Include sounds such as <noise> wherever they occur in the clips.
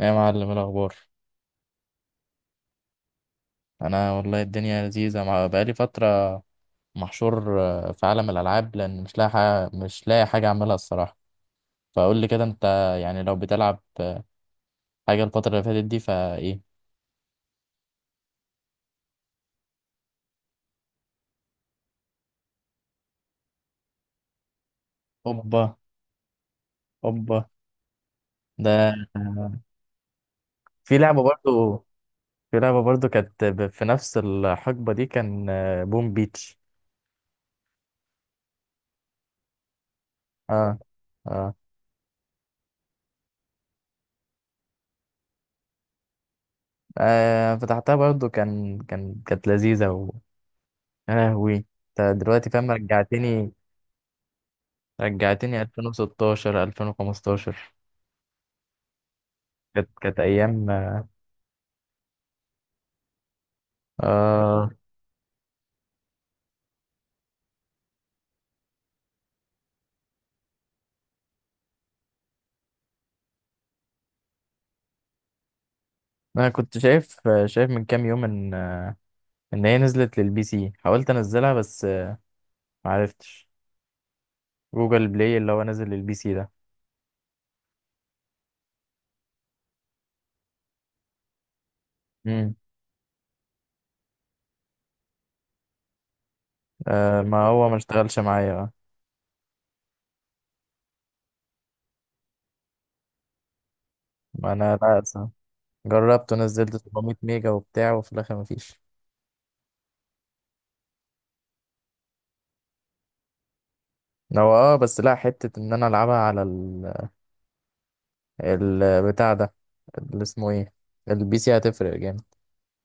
ايه يا معلم، إيه الأخبار؟ أنا والله الدنيا لذيذة بقالي فترة محشور، في عالم الألعاب، لأن مش لاقي حاجة، أعملها الصراحة. فقول لي كده أنت، يعني لو بتلعب حاجة الفترة اللي فاتت دي فإيه؟ أوبا، أوبا. ده آه، في لعبة برضو. كانت في نفس الحقبة دي، كان بوم بيتش. آه آه, آه، فتحتها برضو، كانت لذيذة. و يا لهوي، أنت دلوقتي فاهم، رجعتني، 2016، 2015. كانت ايام. آه، انا كنت شايف، من كام يوم ان، هي نزلت للبي سي. حاولت انزلها بس معرفتش. جوجل بلاي اللي هو نازل للبي سي ده. امم آه، ما هو ما اشتغلش معايا بقى. ما انا لا أصلاً جربت ونزلت 700 ميجا وبتاع، وفي الاخر ما فيش. هو اه، بس لا، حتة ان انا العبها على البتاع ده، اللي اسمه ايه، البي سي، هتفرق جامد.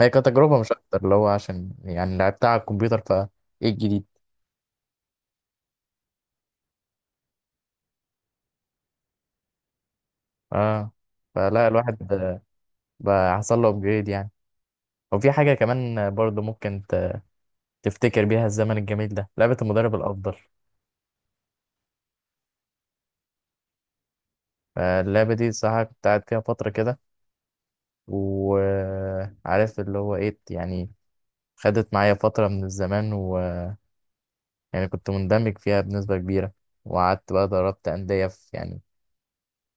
هي كتجربة مش أكتر، اللي هو عشان يعني لعبتها على الكمبيوتر، ف إيه الجديد. آه فلا الواحد بقى حصل له أبجريد يعني. وفي حاجة كمان برضه ممكن تفتكر بيها الزمن الجميل ده، لعبة المدرب الأفضل. اللعبة دي صراحة كنت قاعد فيها فترة كده، وعارف اللي هو إيه يعني. خدت معايا فترة من الزمان، ويعني كنت مندمج فيها بنسبة كبيرة. وقعدت بقى دربت أندية، في يعني،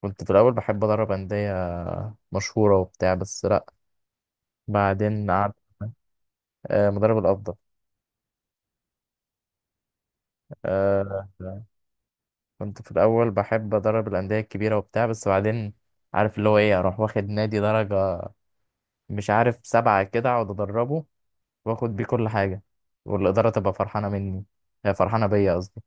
كنت في الأول بحب أدرب أندية مشهورة وبتاع، بس لأ. بعدين مدرب الأفضل. آه، كنت في الأول بحب أدرب الأندية الكبيرة وبتاع، بس بعدين عارف اللي هو إيه، أروح واخد نادي درجة مش عارف سبعة كده، أقعد أدربه، وآخد بيه كل حاجة، والإدارة تبقى فرحانة مني، فرحانة بيا قصدي.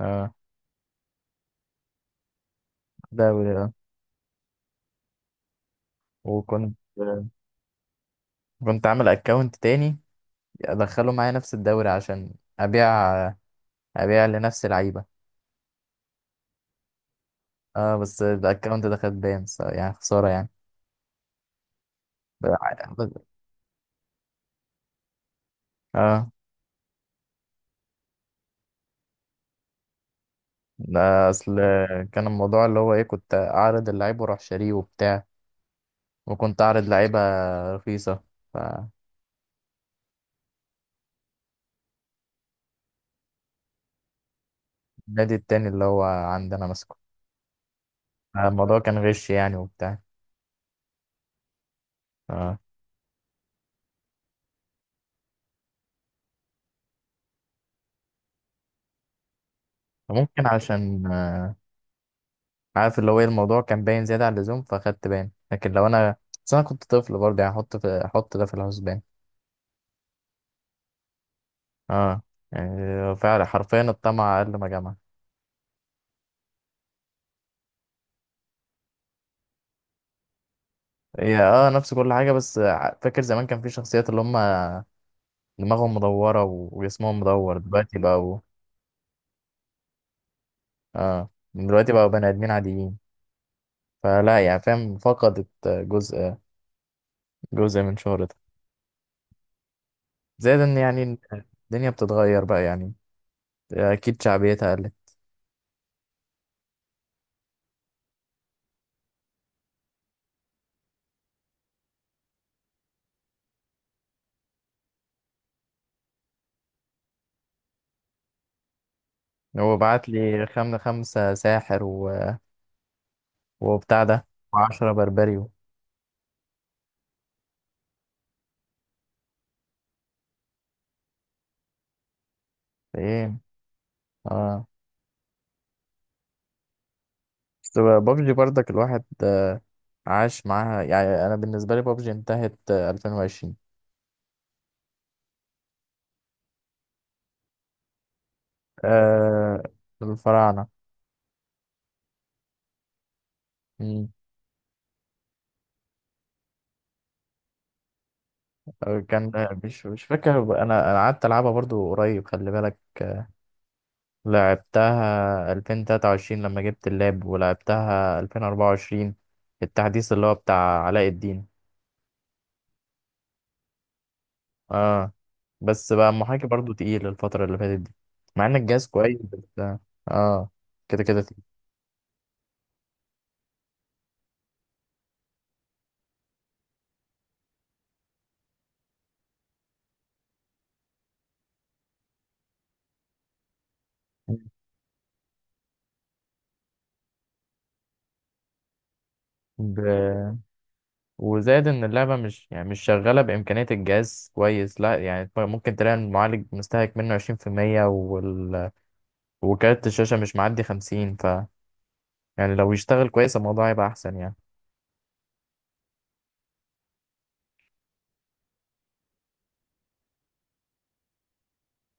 آه، دوري. آه. وكنت كنت عامل أكونت تاني أدخله معايا نفس الدوري، عشان أبيع، لنفس لعيبة. اه، بس الأكونت ده خد بان، يعني خسارة يعني. اه، ده اصل كان الموضوع اللي هو ايه، كنت اعرض اللعيب واروح شاريه وبتاع، وكنت اعرض لعيبه رخيصه، فالنادي التاني اللي هو عندنا ماسكه. الموضوع كان غش يعني وبتاع. ف- فممكن عشان عارف اللي هو ايه، الموضوع كان باين زياده عن اللزوم، فخدت باين. لكن لو انا، بس انا كنت طفل برضه يعني، احط ده في الحسبان. اه، يعني فعلا حرفيا الطمع اقل ما جمع. هي اه، نفس كل حاجه، بس فاكر زمان كان في شخصيات اللي هم دماغهم مدورة وجسمهم مدور، دلوقتي بقوا، اه، دلوقتي بقوا بني آدمين عاديين. فلا يعني، فاهم، فقدت جزء، من شهرتها. زائد ان، يعني الدنيا بتتغير بقى يعني، اكيد شعبيتها قلت. هو بعت لي خمسة ساحر و... وبتاع ده، وعشرة بربريو. ايه، اه، بس بابجي برضك الواحد عاش معاها يعني. انا بالنسبة لي بابجي انتهت 2020. آه، الفراعنة كان، مش فاكر انا، قعدت العبها برضو قريب خلي بالك. لعبتها 2023 لما جبت اللاب، ولعبتها 2024، التحديث اللي هو بتاع علاء الدين. اه، بس بقى المحاكي برضو تقيل الفترة اللي فاتت دي، مع ان الجهاز كويس. بس اه، كده كده تقيل. ب... وزاد ان اللعبة مش يعني مش شغالة بإمكانية الجهاز كويس، لا يعني، ممكن تلاقي المعالج مستهلك منه 20%، وال... وكارت الشاشة مش معدي 50. يعني لو يشتغل كويس الموضوع هيبقى احسن يعني.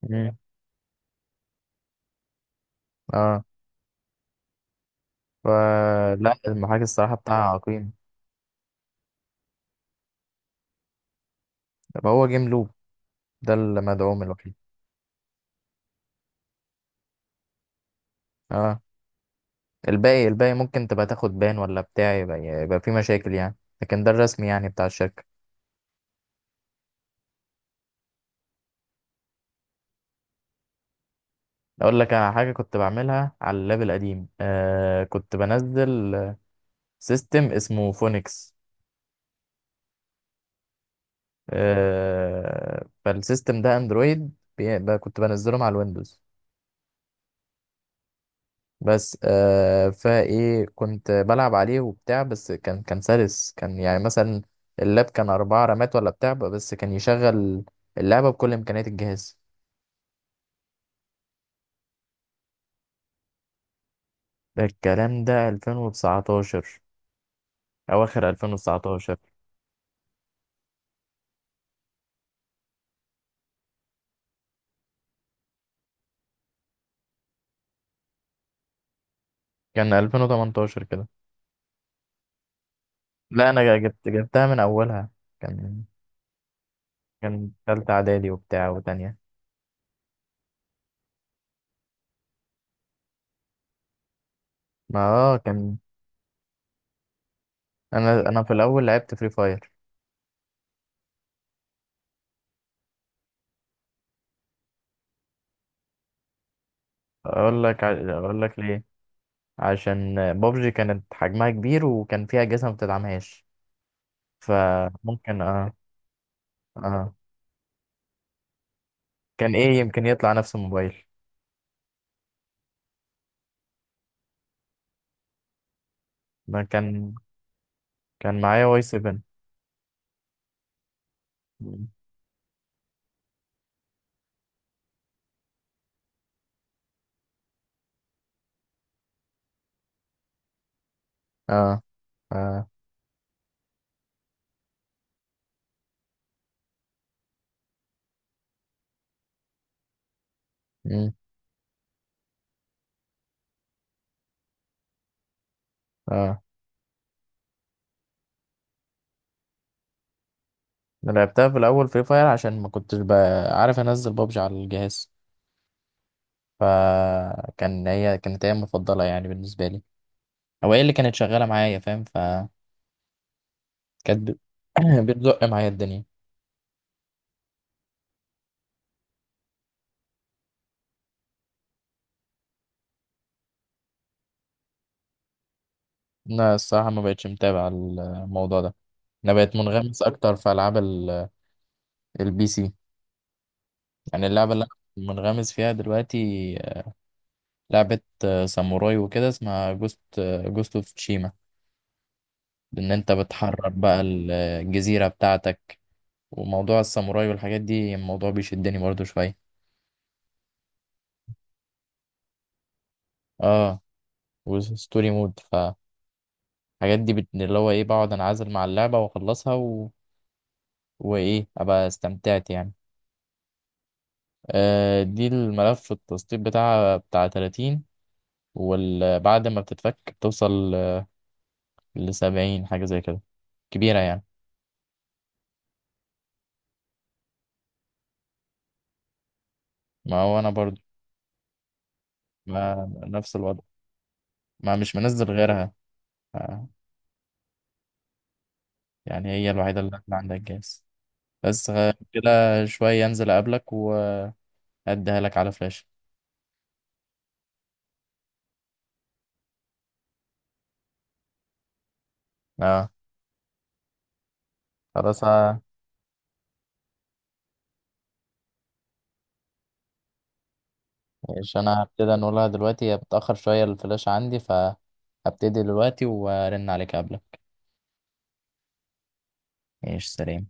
امم اه، فلا المحاكي الصراحه بتاعها عقيم. طب هو جيم لوب ده المدعوم الوحيد. اه، الباقي، ممكن تبقى تاخد بان ولا بتاع، يبقى في مشاكل يعني. لكن ده الرسمي يعني بتاع الشركه. اقول لك على حاجه كنت بعملها على اللاب القديم، آه، كنت بنزل سيستم اسمه فونكس. آه، فالسيستم ده اندرويد، كنت بنزله مع الويندوز. بس آه، فايه، كنت بلعب عليه وبتاع. بس كان كان سلس، كان يعني مثلا اللاب كان 4 رامات ولا بتاع، بس كان يشغل اللعبة بكل إمكانيات الجهاز. ده الكلام ده 2019، أواخر 2019. كان 2018 كده. لا، أنا جبت، من أولها. كان كان تالتة إعدادي وبتاع وتانية. ما اه، كان أنا، في الأول لعبت فري فاير. أقول لك أقول لك ليه، عشان بابجي كانت حجمها كبير، وكان فيها أجهزة ما بتدعمهاش. فممكن اه، اه، كان ايه يمكن يطلع نفس الموبايل. ما كان كان معايا واي 7. اه، اه، مم. اه، أنا لعبتها في الأول فري فاير عشان ما كنتش بقى عارف أنزل بابجي على الجهاز. فكان هي كانت هي المفضلة يعني بالنسبة لي، أو هي اللي كانت شغالة معايا، فاهم، فكانت <coughs> ب- <clears throat> بتزق معايا الدنيا. لا الصراحة ما بقتش متابع الموضوع ده. أنا بقيت منغمس أكتر في ألعاب البي سي. يعني اللعبة اللي أنا منغمس فيها دلوقتي آه، لعبة ساموراي وكده، اسمها جوست، جوست اوف تشيما. إن أنت بتحرر بقى الجزيرة بتاعتك، وموضوع الساموراي والحاجات دي، الموضوع بيشدني برضو شوية. اه، وستوري مود. فالحاجات دي اللي هو ايه، بقعد انعزل مع اللعبة واخلصها و... وايه، ابقى استمتعت يعني. آه، دي الملف التسطيب بتاعها بتاع 30، وبعد ما بتتفك بتوصل لـ70 حاجة زي كده، كبيرة يعني. ما هو انا برضو، ما نفس الوضع، ما مش منزل غيرها. ف- يعني هي الوحيدة اللي عندها الجهاز. بس كده، شوية انزل اقابلك واديها لك على فلاشة. اه، خلاص. مش انا هبتدي نقولها دلوقتي، هي بتأخر شوية الفلاشة عندي، فهبتدي دلوقتي وارن عليك قبلك. ايش، سلام.